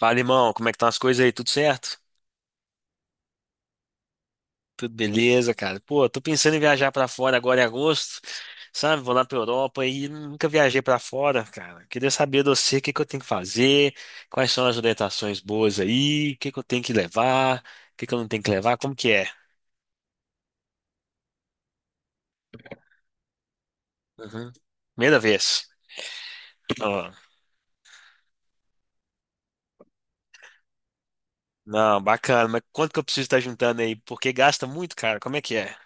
Fala, irmão, como é que estão as coisas aí? Tudo certo? Tudo beleza, cara. Pô, tô pensando em viajar pra fora agora em agosto, sabe? Vou lá pra Europa e nunca viajei pra fora, cara. Queria saber de você o que que eu tenho que fazer, quais são as orientações boas aí, o que que eu tenho que levar, o que que eu não tenho que levar, como que é? Uhum. Primeira vez. Ó, não, bacana, mas quanto que eu preciso estar juntando aí? Porque gasta muito, cara. Como é que é?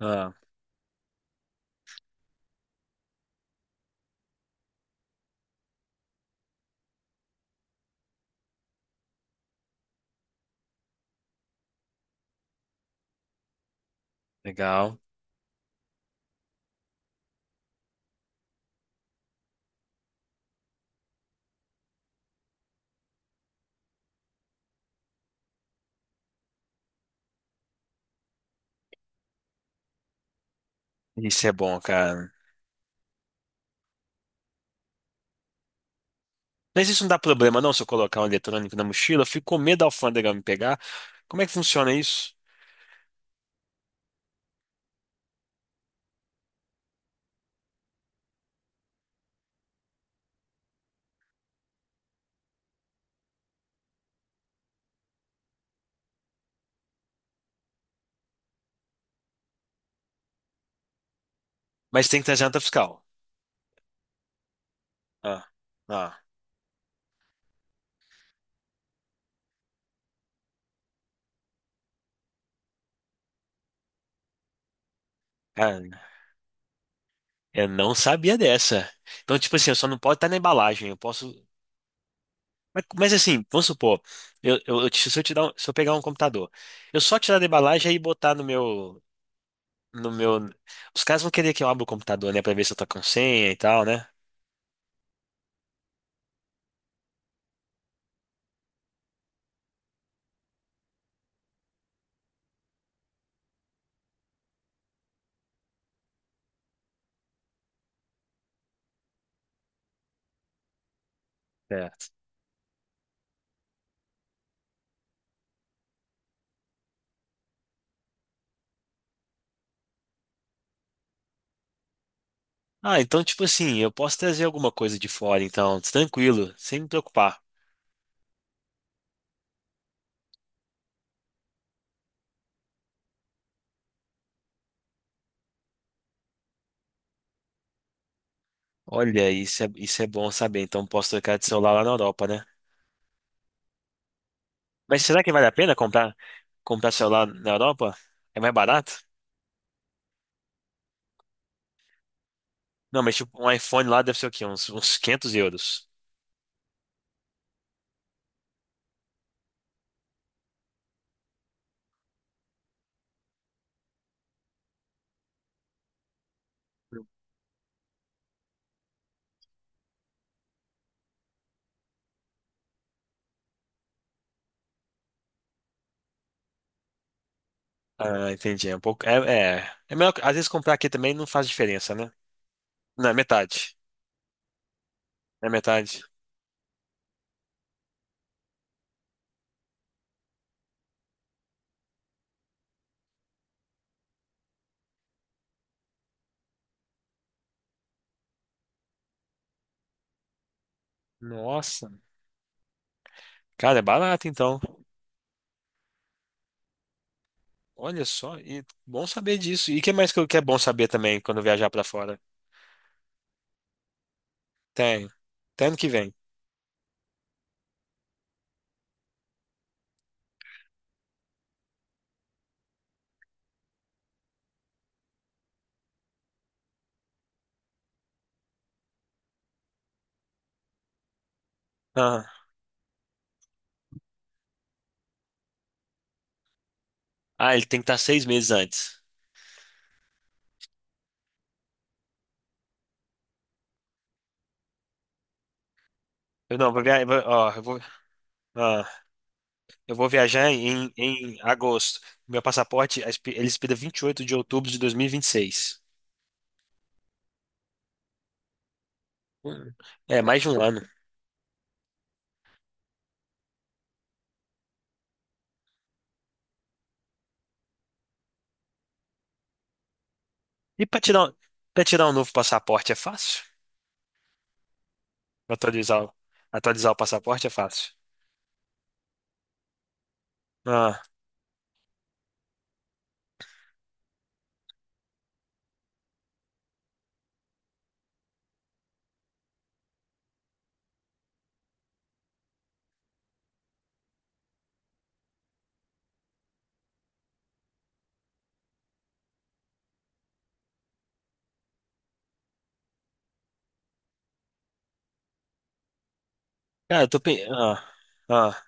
Ah, legal. Isso é bom, cara. Mas isso não dá problema, não, se eu colocar um eletrônico na mochila, eu fico com medo da alfândega me pegar. Como é que funciona isso? Mas tem que trazer nota fiscal. Ah, ah, ah, eu não sabia dessa. Então, tipo assim, eu só não posso estar na embalagem, eu posso. Mas assim, vamos supor, eu te- se eu te dar um- se eu pegar um computador, eu só tirar da embalagem e botar no meu. Os caras vão querer que eu abra o computador, né, pra ver se eu tô com senha e tal, né? Certo. Ah, então, tipo assim, eu posso trazer alguma coisa de fora, então, tranquilo, sem me preocupar. Olha, isso é bom saber. Então posso trocar de celular lá na Europa, né? Mas será que vale a pena comprar, comprar celular na Europa? É mais barato? Não, mas tipo, um iPhone lá deve ser o quê? Uns quinhentos euros. Ah, entendi. É um pouco. É, melhor. Às vezes comprar aqui também não faz diferença, né? Não, é metade. É metade. Nossa. Cara, é barato então. Olha só, e bom saber disso. E o que mais que, eu- que é bom saber também quando eu viajar pra fora? Tem. Até ano que vem. Ah, ah, ele tem que estar 6 meses antes. Eu não, vou viajar, ó, eu vou, ah, eu vou viajar em, em agosto. Meu passaporte, a expi- ele expira vinte e oito de outubro de 2026. Hum, É, mais de um ano. E para tirar, um- pra tirar um novo passaporte é fácil? Atualizar, o- atualizar o passaporte é fácil. Ah, cara, eu tô, pe- ah,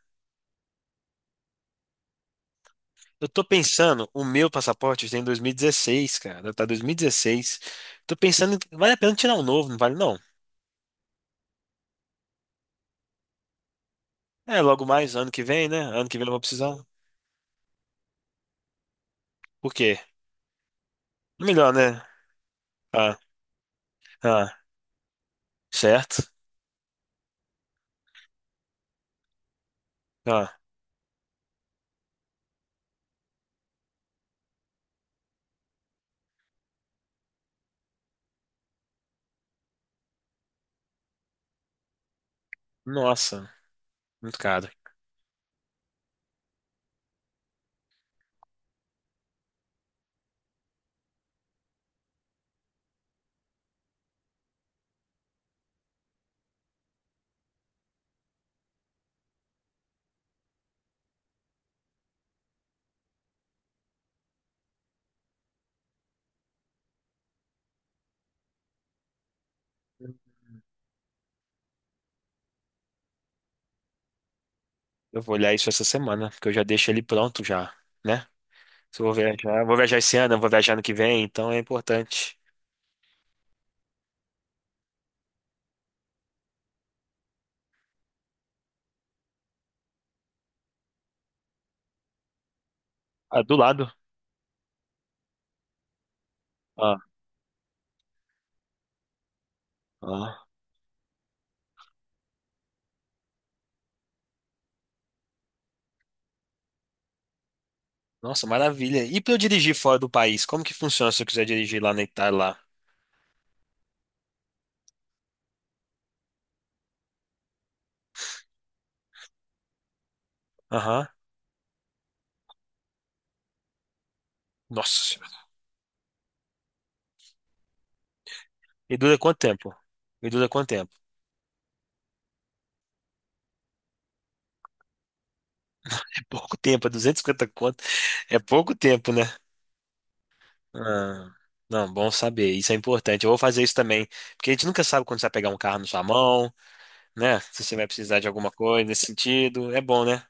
eu tô pensando, o meu passaporte tem 2016, cara, tá 2016. Tô pensando, em- vale a pena tirar um novo, não vale não? É, logo mais, ano que vem, né? Ano que vem eu vou precisar. Por quê? Melhor, né? Ah, certo? Ah, nossa, muito caro. Eu vou olhar isso essa semana, porque eu já deixo ele pronto já, né? Se eu vou viajar esse ano, eu vou viajar ano que vem, então é importante. Ah, do lado. Ah, ah. Nossa, maravilha. E pra eu dirigir fora do país, como que funciona se eu quiser dirigir lá na Itália lá? Aham. Nossa Senhora. E dura quanto tempo? E dura quanto tempo? É pouco tempo, é 250 conto. É pouco tempo, né? Ah, não, bom saber. Isso é importante. Eu vou fazer isso também. Porque a gente nunca sabe quando você vai pegar um carro na sua mão. Né? Se você vai precisar de alguma coisa nesse sentido, é bom, né?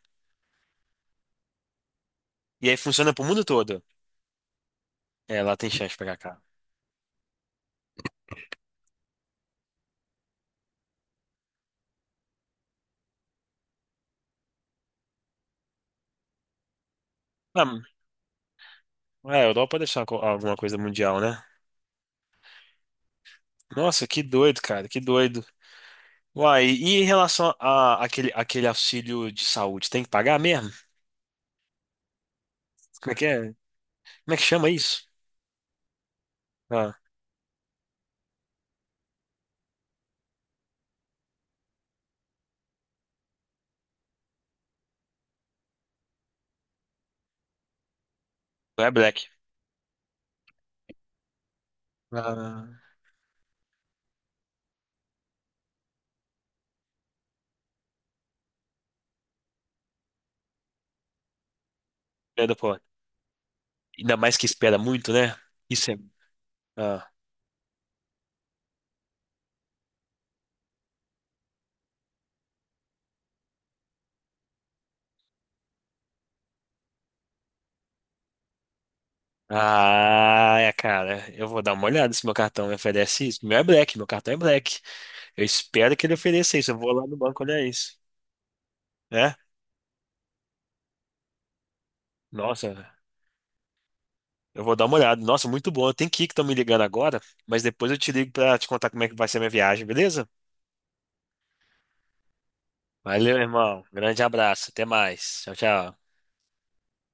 E aí funciona pro mundo todo. É, lá tem chance de pegar carro. Ah, é, a Europa deve ser uma co- alguma coisa mundial, né? Nossa, que doido, cara, que doido. Uai, e em relação a aquele, aquele auxílio de saúde, tem que pagar mesmo? Como é que é? Como é que chama isso? Ah, não é Black. Ah, é da porra. Ainda mais que espera muito, né? Isso é. Ah. Ah, é, cara, eu vou dar uma olhada se meu cartão me oferece isso. Meu é Black, meu cartão é Black. Eu espero que ele ofereça isso. Eu vou lá no banco olhar isso. É? Nossa, eu vou dar uma olhada. Nossa, muito bom. Eu tenho que ir que estão me ligando agora, mas depois eu te ligo pra te contar como é que vai ser a minha viagem, beleza? Valeu, irmão. Grande abraço. Até mais. Tchau, tchau.